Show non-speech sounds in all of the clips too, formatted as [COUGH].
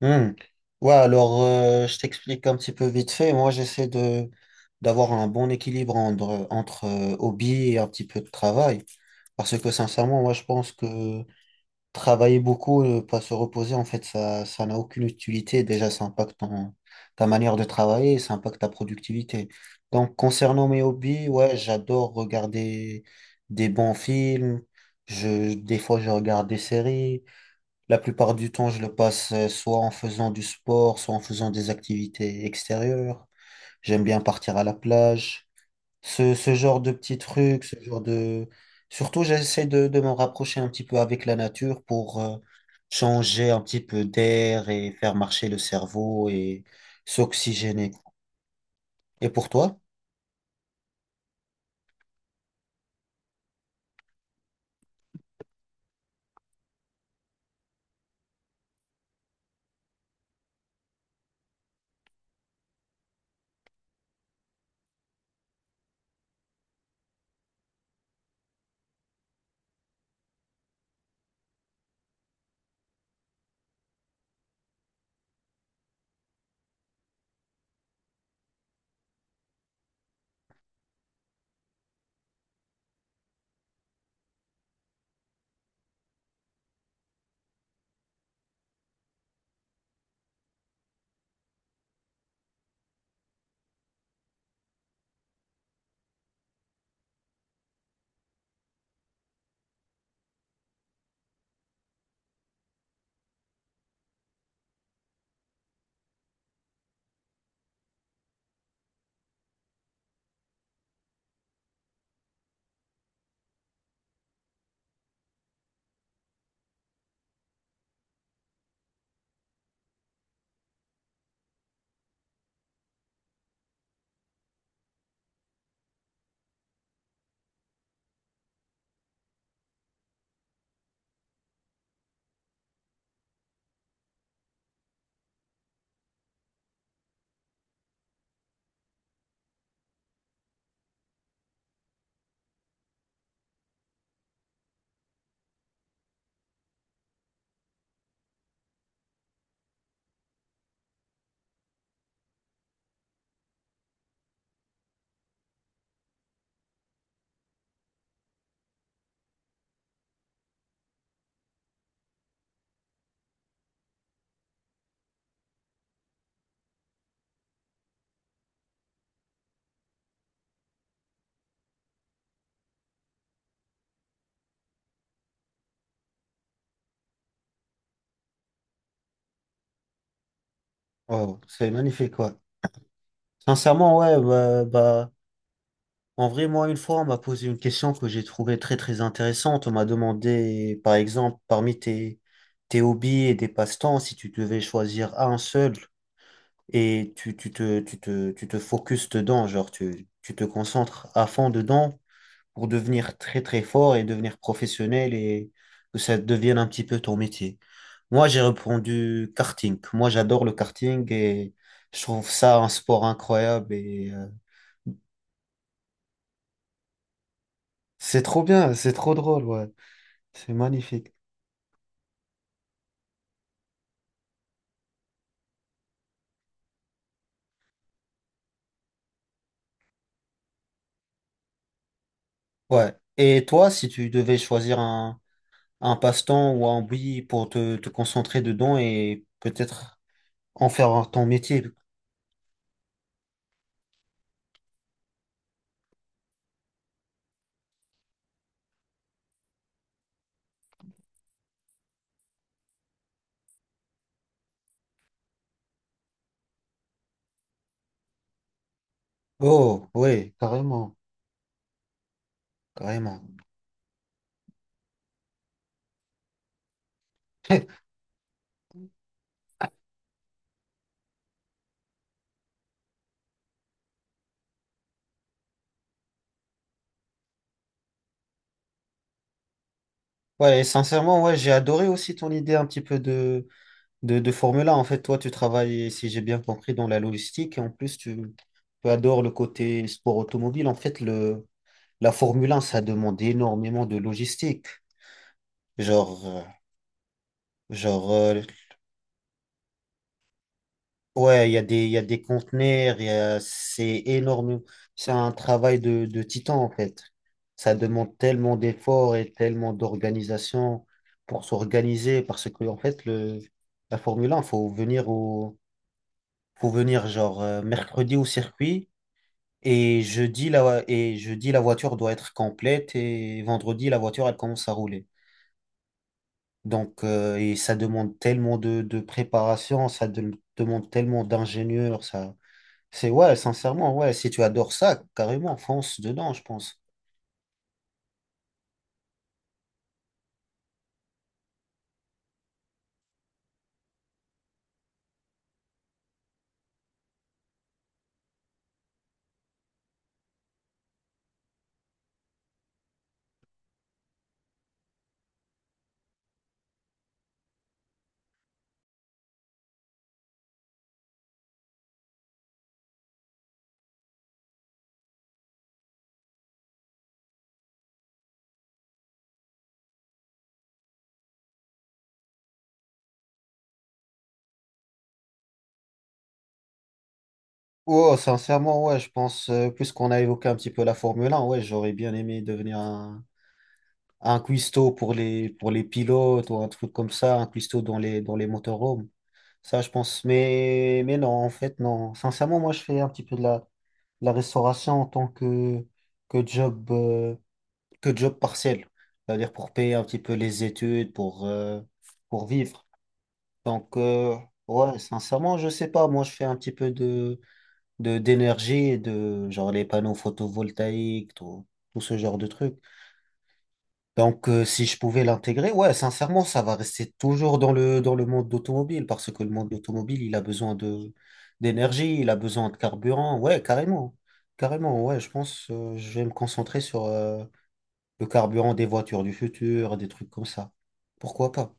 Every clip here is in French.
Hmm. Ouais, alors je t'explique un petit peu vite fait. Moi, j'essaie de d'avoir un bon équilibre entre hobby et un petit peu de travail. Parce que sincèrement, moi, je pense que travailler beaucoup, pas se reposer, en fait, ça n'a aucune utilité. Déjà, ta manière de travailler, ça impacte ta productivité. Donc, concernant mes hobbies, ouais, j'adore regarder des bons films. Des fois, je regarde des séries. La plupart du temps, je le passe soit en faisant du sport, soit en faisant des activités extérieures. J'aime bien partir à la plage. Ce genre de petits trucs, ce genre de... Surtout, j'essaie de m'en rapprocher un petit peu avec la nature pour changer un petit peu d'air et faire marcher le cerveau et s'oxygéner. Et pour toi? Oh, c'est magnifique, ouais. Sincèrement, ouais, bah, bah, En vrai, moi, une fois, on m'a posé une question que j'ai trouvée très intéressante. On m'a demandé, par exemple, tes hobbies et des passe-temps, si tu devais choisir un seul et tu te focuses dedans, tu te concentres à fond dedans pour devenir très fort et devenir professionnel et que ça devienne un petit peu ton métier. Moi, j'ai répondu karting. Moi, j'adore le karting et je trouve ça un sport incroyable. C'est trop bien, c'est trop drôle, ouais. C'est magnifique. Ouais. Et toi, si tu devais un passe-temps ou un hobby pour te concentrer dedans et peut-être en faire ton métier. Oh, oui, carrément, carrément. [LAUGHS] Ouais, et sincèrement, ouais, j'ai adoré aussi ton idée un petit peu de Formule 1. En fait, toi, tu travailles, si j'ai bien compris, dans la logistique et en plus, tu adores le côté sport automobile. La Formule 1, ça demande énormément de logistique. Genre, euh, genre, euh, Ouais, il y a des conteneurs, c'est énorme. C'est un travail de titan, en fait. Ça demande tellement d'efforts et tellement d'organisation pour s'organiser parce que, la Formule un faut venir mercredi au circuit et jeudi, la voiture doit être complète et vendredi, la voiture, elle commence à rouler. Et ça demande tellement de préparation, demande tellement d'ingénieurs, ça. C'est ouais, sincèrement, ouais, si tu adores ça, carrément, fonce dedans, je pense. Oh, sincèrement, ouais, je pense, puisqu'on a évoqué un petit peu la Formule 1, ouais, j'aurais bien aimé un cuistot pour pour les pilotes ou un truc comme ça, un cuistot dans les motorhomes. Ça, je pense. Mais non, en fait, non. Sincèrement, moi, je fais un petit peu de la restauration que job, euh, que job partiel. C'est-à-dire pour payer un petit peu les études, pour vivre. Donc, ouais, sincèrement, je sais pas. Moi, je fais un petit peu d'énergie et de, genre, les panneaux photovoltaïques, tout ce genre de trucs. Donc, si je pouvais l'intégrer, ouais, sincèrement, ça va rester toujours dans dans le monde d'automobile parce que le monde automobile, il a besoin d'énergie, il a besoin de carburant. Ouais, carrément. Carrément, ouais, je pense, je vais me concentrer sur, le carburant des voitures du futur, des trucs comme ça. Pourquoi pas?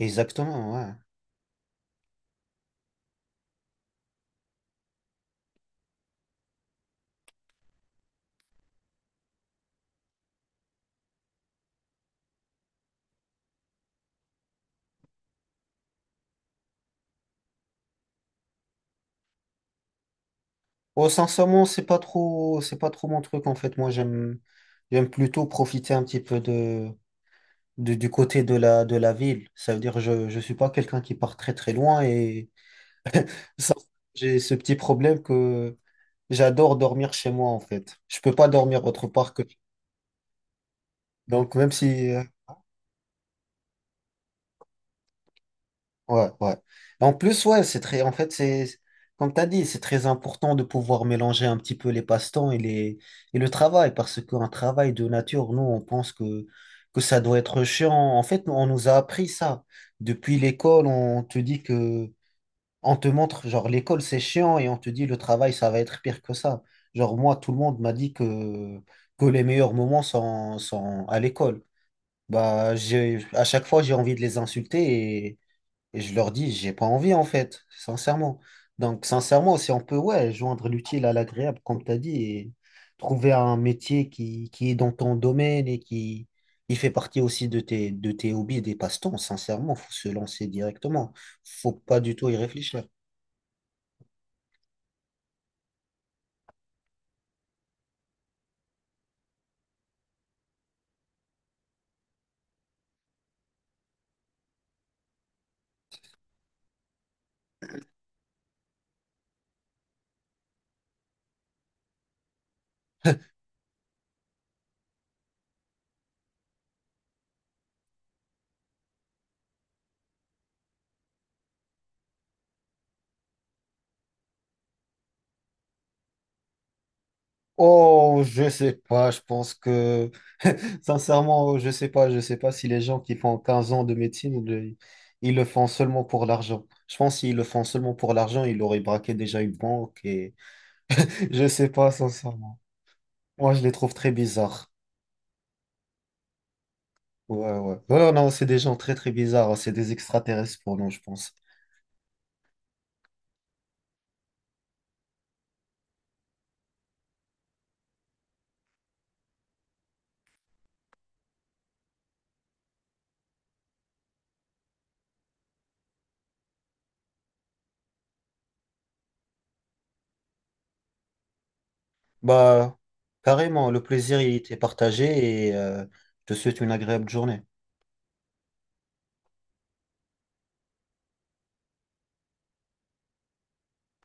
Exactement, ouais. Oh, sincèrement, c'est pas trop mon truc en fait. Moi, j'aime plutôt profiter un petit peu du côté de la ville. Ça veut dire, je suis pas quelqu'un qui part très très loin et ça, j'ai ce petit problème que j'adore dormir chez moi en fait. Je peux pas dormir autre part que. Donc, même si ouais, ouais. En plus, ouais, c'est très, en fait, c'est, comme tu as dit, c'est très important de pouvoir mélanger un petit peu les passe-temps et les, et le travail, parce qu'un travail de nature, nous, on pense que ça doit être chiant. En fait, nous, on nous a appris ça. Depuis l'école, on te montre, genre, l'école, c'est chiant et on te dit le travail, ça va être pire que ça. Genre, moi, tout le monde m'a dit que les meilleurs moments sont à l'école. Bah, à chaque fois, j'ai envie de les insulter et je leur dis, j'ai pas envie en fait, sincèrement. Donc, sincèrement, si on peut, ouais, joindre l'utile à l'agréable, comme tu as dit, et trouver un métier qui est dans ton domaine et qui fait partie aussi de tes hobbies et des passe-temps, sincèrement, faut se lancer directement. Faut pas du tout y réfléchir. Oh, je sais pas, je pense sincèrement, je sais pas si les gens qui font 15 ans de médecine, ils le font seulement pour l'argent. Je pense qu'ils le font seulement pour l'argent, ils auraient braqué déjà une banque et je sais pas, sincèrement. Moi, je les trouve très bizarres. Ouais, ouais. Ouais, non, c'est des gens très bizarres. C'est des extraterrestres pour nous, je pense. Bah, carrément, le plaisir, il était partagé. Je te souhaite une agréable journée.